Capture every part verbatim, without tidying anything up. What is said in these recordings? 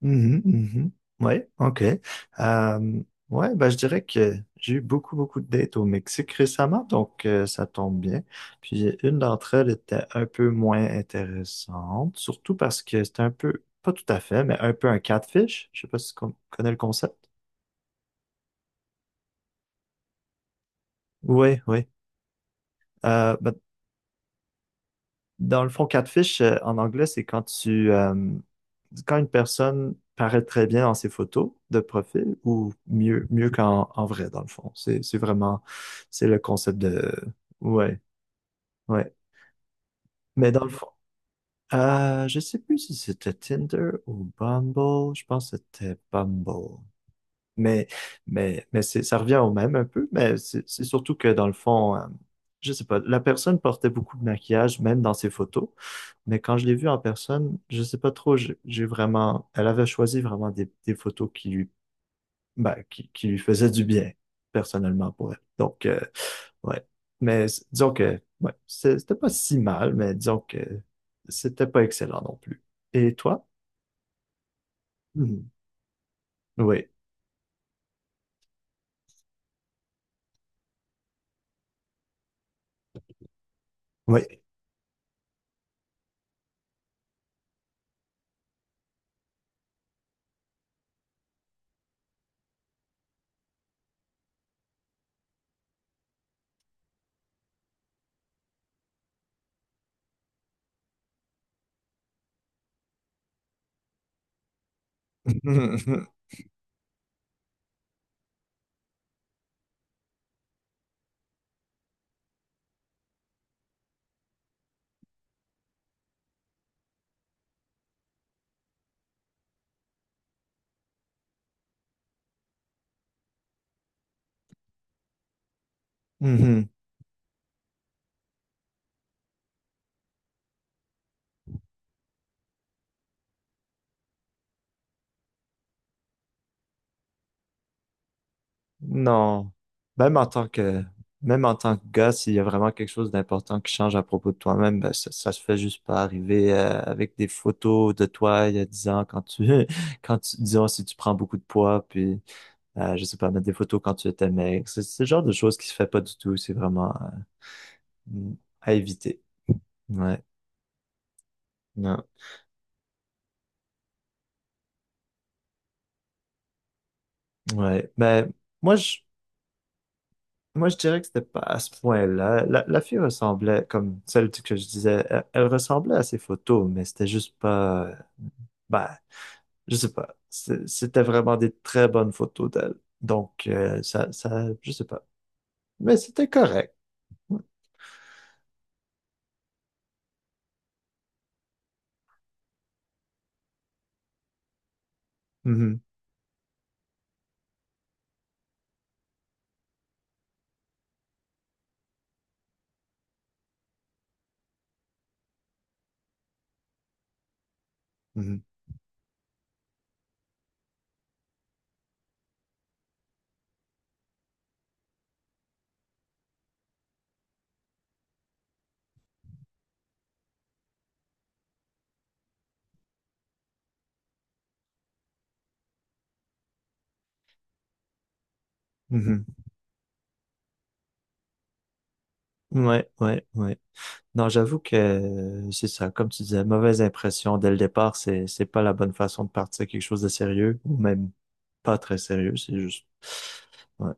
Mhm, mhm. Ouais, ok. Euh, ouais, bah, je dirais que j'ai eu beaucoup, beaucoup de dates au Mexique récemment, donc euh, ça tombe bien. Puis une d'entre elles était un peu moins intéressante, surtout parce que c'était un peu, pas tout à fait, mais un peu un catfish. Je sais pas si tu con- connais le concept. Oui, oui. Euh, ben, Dans le fond, catfish, euh, en anglais, c'est quand tu, euh, quand une personne paraît très bien dans ses photos de profil ou mieux, mieux qu'en en vrai, dans le fond. C'est, c'est vraiment, c'est le concept de. Ouais, ouais. Mais dans le fond, euh, je sais plus si c'était Tinder ou Bumble. Je pense que c'était Bumble. Mais, mais, mais c'est, ça revient au même un peu, mais c'est c'est surtout que dans le fond, euh, je sais pas, la personne portait beaucoup de maquillage, même dans ses photos. Mais quand je l'ai vue en personne, je sais pas trop, j'ai j'ai vraiment, elle avait choisi vraiment des, des photos qui lui, ben, qui, qui lui faisaient du bien, personnellement, pour elle. Donc, euh, ouais. Mais c- disons que, ouais, c'est- c'était pas si mal, mais disons que c'était pas excellent non plus. Et toi? Mhm. Oui, oui. Non. Même en tant que, même en tant que gars, s'il y a vraiment quelque chose d'important qui change à propos de toi-même, ben, ça, ça se fait juste pas arriver euh, avec des photos de toi il y a dix ans quand tu, quand tu, disons, si tu prends beaucoup de poids, puis, euh, je sais pas, mettre des photos quand tu étais maigre. C'est c'est le genre de choses qui se fait pas du tout. C'est vraiment euh, à éviter. Ouais. Non. Ouais. ben moi, je, Moi, je dirais que c'était pas à ce point-là. La, la fille ressemblait, comme celle que je disais, elle, elle ressemblait à ses photos, mais c'était juste pas, bah, je sais pas. C'est- C'était vraiment des très bonnes photos d'elle. Donc, euh, ça, ça, je sais pas. Mais c'était correct. Mhm, mhm, mhm. Ouais, ouais, ouais. Non, j'avoue que euh, c'est ça, comme tu disais, mauvaise impression dès le départ, c'est c'est pas la bonne façon de partir quelque chose de sérieux, ou même pas très sérieux, c'est juste. Ouais,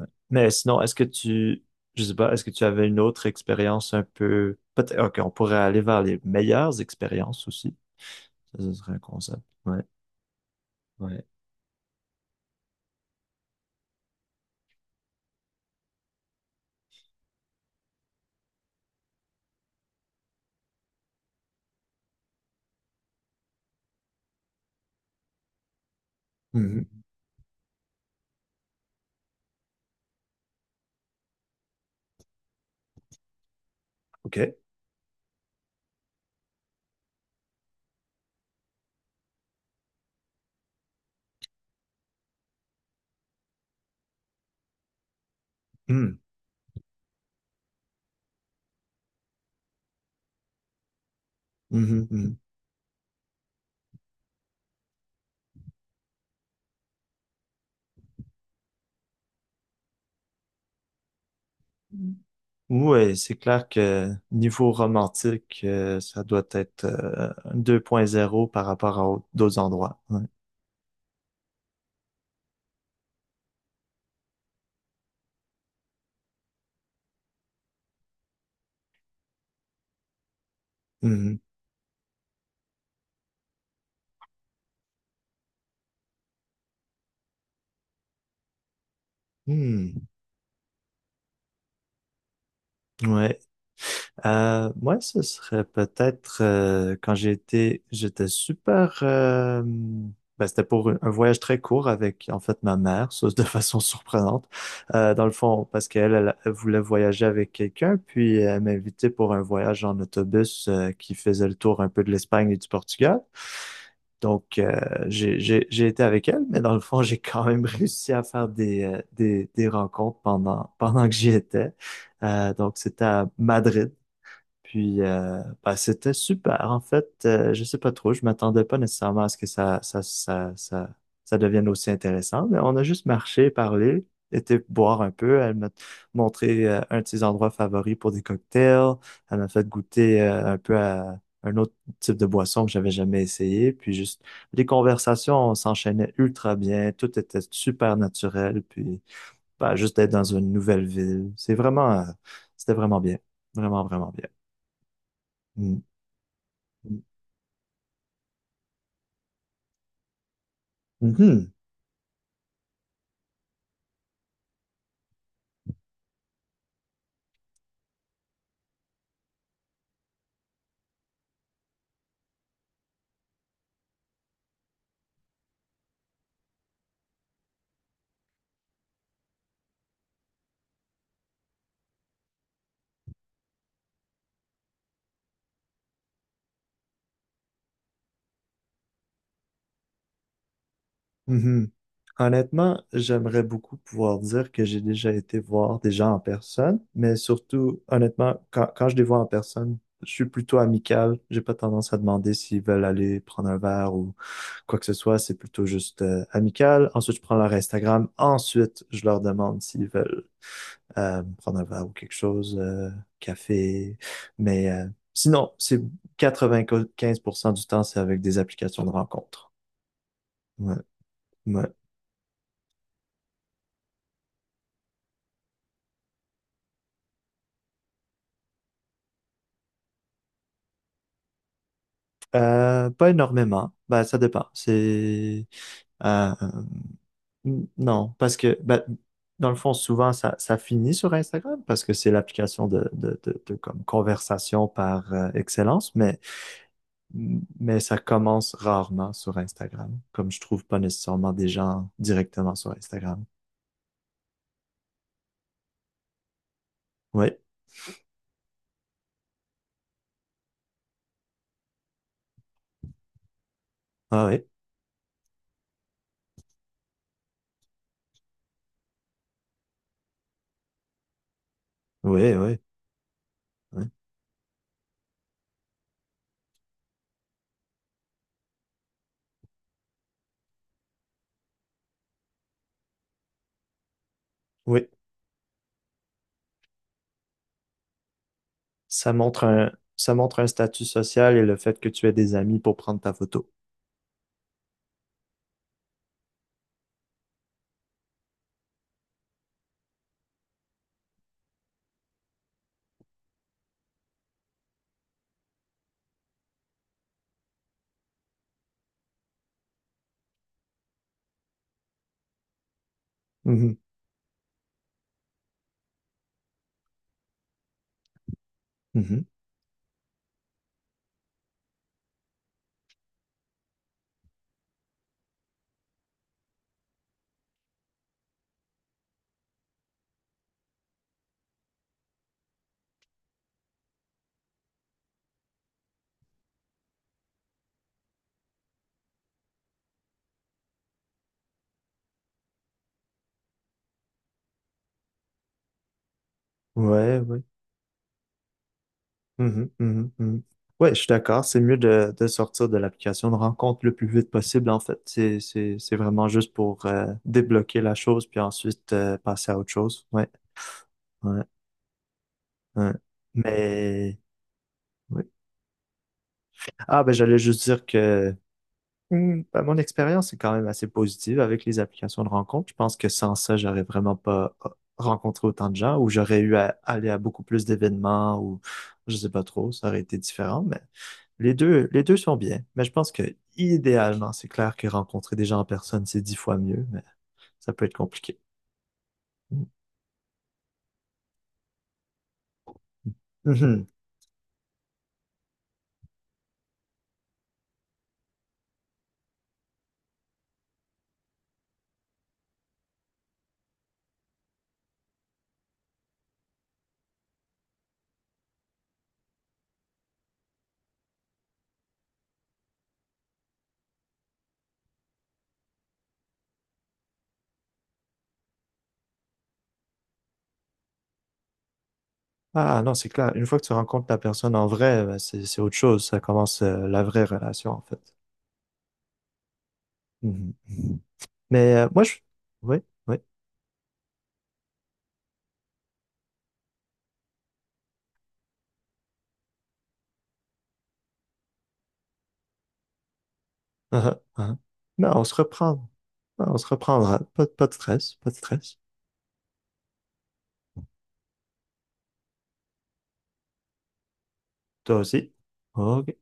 ouais. Mais sinon, est-ce que tu, je sais pas, est-ce que tu avais une autre expérience un peu, peut-être, ok, on pourrait aller vers les meilleures expériences aussi, ça ce serait un concept. Ouais, ouais. Mhm. Ok. Mhm. Mhm, mhm. Oui, c'est clair que niveau romantique, euh, ça doit être euh, deux point zéro par rapport à au- d'autres endroits. Ouais. Mhm. Hmm. Ouais. Euh, moi, ce serait peut-être euh, quand j'ai été, j'étais super. Euh, ben, c'était pour un un voyage très court avec en fait ma mère, ça de façon surprenante. Euh, dans le fond, parce qu'elle elle, elle voulait voyager avec quelqu'un, puis elle m'a invité pour un voyage en autobus euh, qui faisait le tour un peu de l'Espagne et du Portugal. Donc, euh, j'ai, j'ai, j'ai été avec elle, mais dans le fond, j'ai quand même réussi à faire des, euh, des, des rencontres pendant, pendant que j'y étais. Euh, donc, c'était à Madrid. Puis, euh, bah, c'était super. En fait, euh, je sais pas trop. Je m'attendais pas nécessairement à ce que ça, ça, ça, ça, ça devienne aussi intéressant. Mais on a juste marché, parlé, été boire un peu. Elle m'a montré euh, un de ses endroits favoris pour des cocktails. Elle m'a fait goûter euh, un peu à un autre type de boisson que j'avais jamais essayé. Puis juste, les conversations s'enchaînaient ultra bien. Tout était super naturel. Puis, bah, juste d'être dans une nouvelle ville. C'est vraiment, euh, c'était vraiment bien. Vraiment, vraiment bien. Mhm, mhm. Honnêtement, j'aimerais beaucoup pouvoir dire que j'ai déjà été voir des gens en personne, mais surtout, honnêtement, quand, quand je les vois en personne, je suis plutôt amical. J'ai pas tendance à demander s'ils veulent aller prendre un verre ou quoi que ce soit. C'est plutôt juste euh, amical. Ensuite, je prends leur Instagram. Ensuite, je leur demande s'ils veulent euh, prendre un verre ou quelque chose, euh, café. Mais euh, sinon, c'est quatre-vingt quinze pour cent du temps, c'est avec des applications de rencontre. Ouais. Ouais. Euh, pas énormément. Bah, ça dépend. C'est euh, n- non, parce que bah, dans le fond, souvent ça, ça finit sur Instagram parce que c'est l'application de, de, de, de comme conversation par euh, excellence, mais mais ça commence rarement sur Instagram, comme je trouve pas nécessairement des gens directement sur Instagram. Oui, ah oui, oui, oui, oui. Oui. Ça montre un, ça montre un statut social et le fait que tu aies des amis pour prendre ta photo. Mhm, mhm. Ouais, ouais. Mhm, mhm, mhm. Ouais, je suis d'accord. C'est mieux de, de sortir de l'application de rencontre le plus vite possible, en fait. C'est, c'est, c'est vraiment juste pour euh, débloquer la chose, puis ensuite euh, passer à autre chose. Ouais, ouais, ouais. Mais, oui, Ah, ben j'allais juste dire que hmm, ben, mon expérience est quand même assez positive avec les applications de rencontre. Je pense que sans ça, j'aurais vraiment pas euh, rencontré autant de gens ou j'aurais eu à aller à beaucoup plus d'événements ou je sais pas trop, ça aurait été différent, mais les deux, les deux sont bien. Mais je pense que idéalement, c'est clair que rencontrer des gens en personne, c'est dix fois mieux, mais ça peut être compliqué. Mhm. Ah non, c'est clair. Une fois que tu rencontres la personne en vrai, ben, c'est, c'est autre chose. Ça commence euh, la vraie relation, en fait. Mhm. Mais euh, moi, je. Oui, oui. Uh-huh, uh-huh. Non, on se reprend. Non, On se reprendra. Pas, pas de stress, pas de stress. Toi aussi. OK.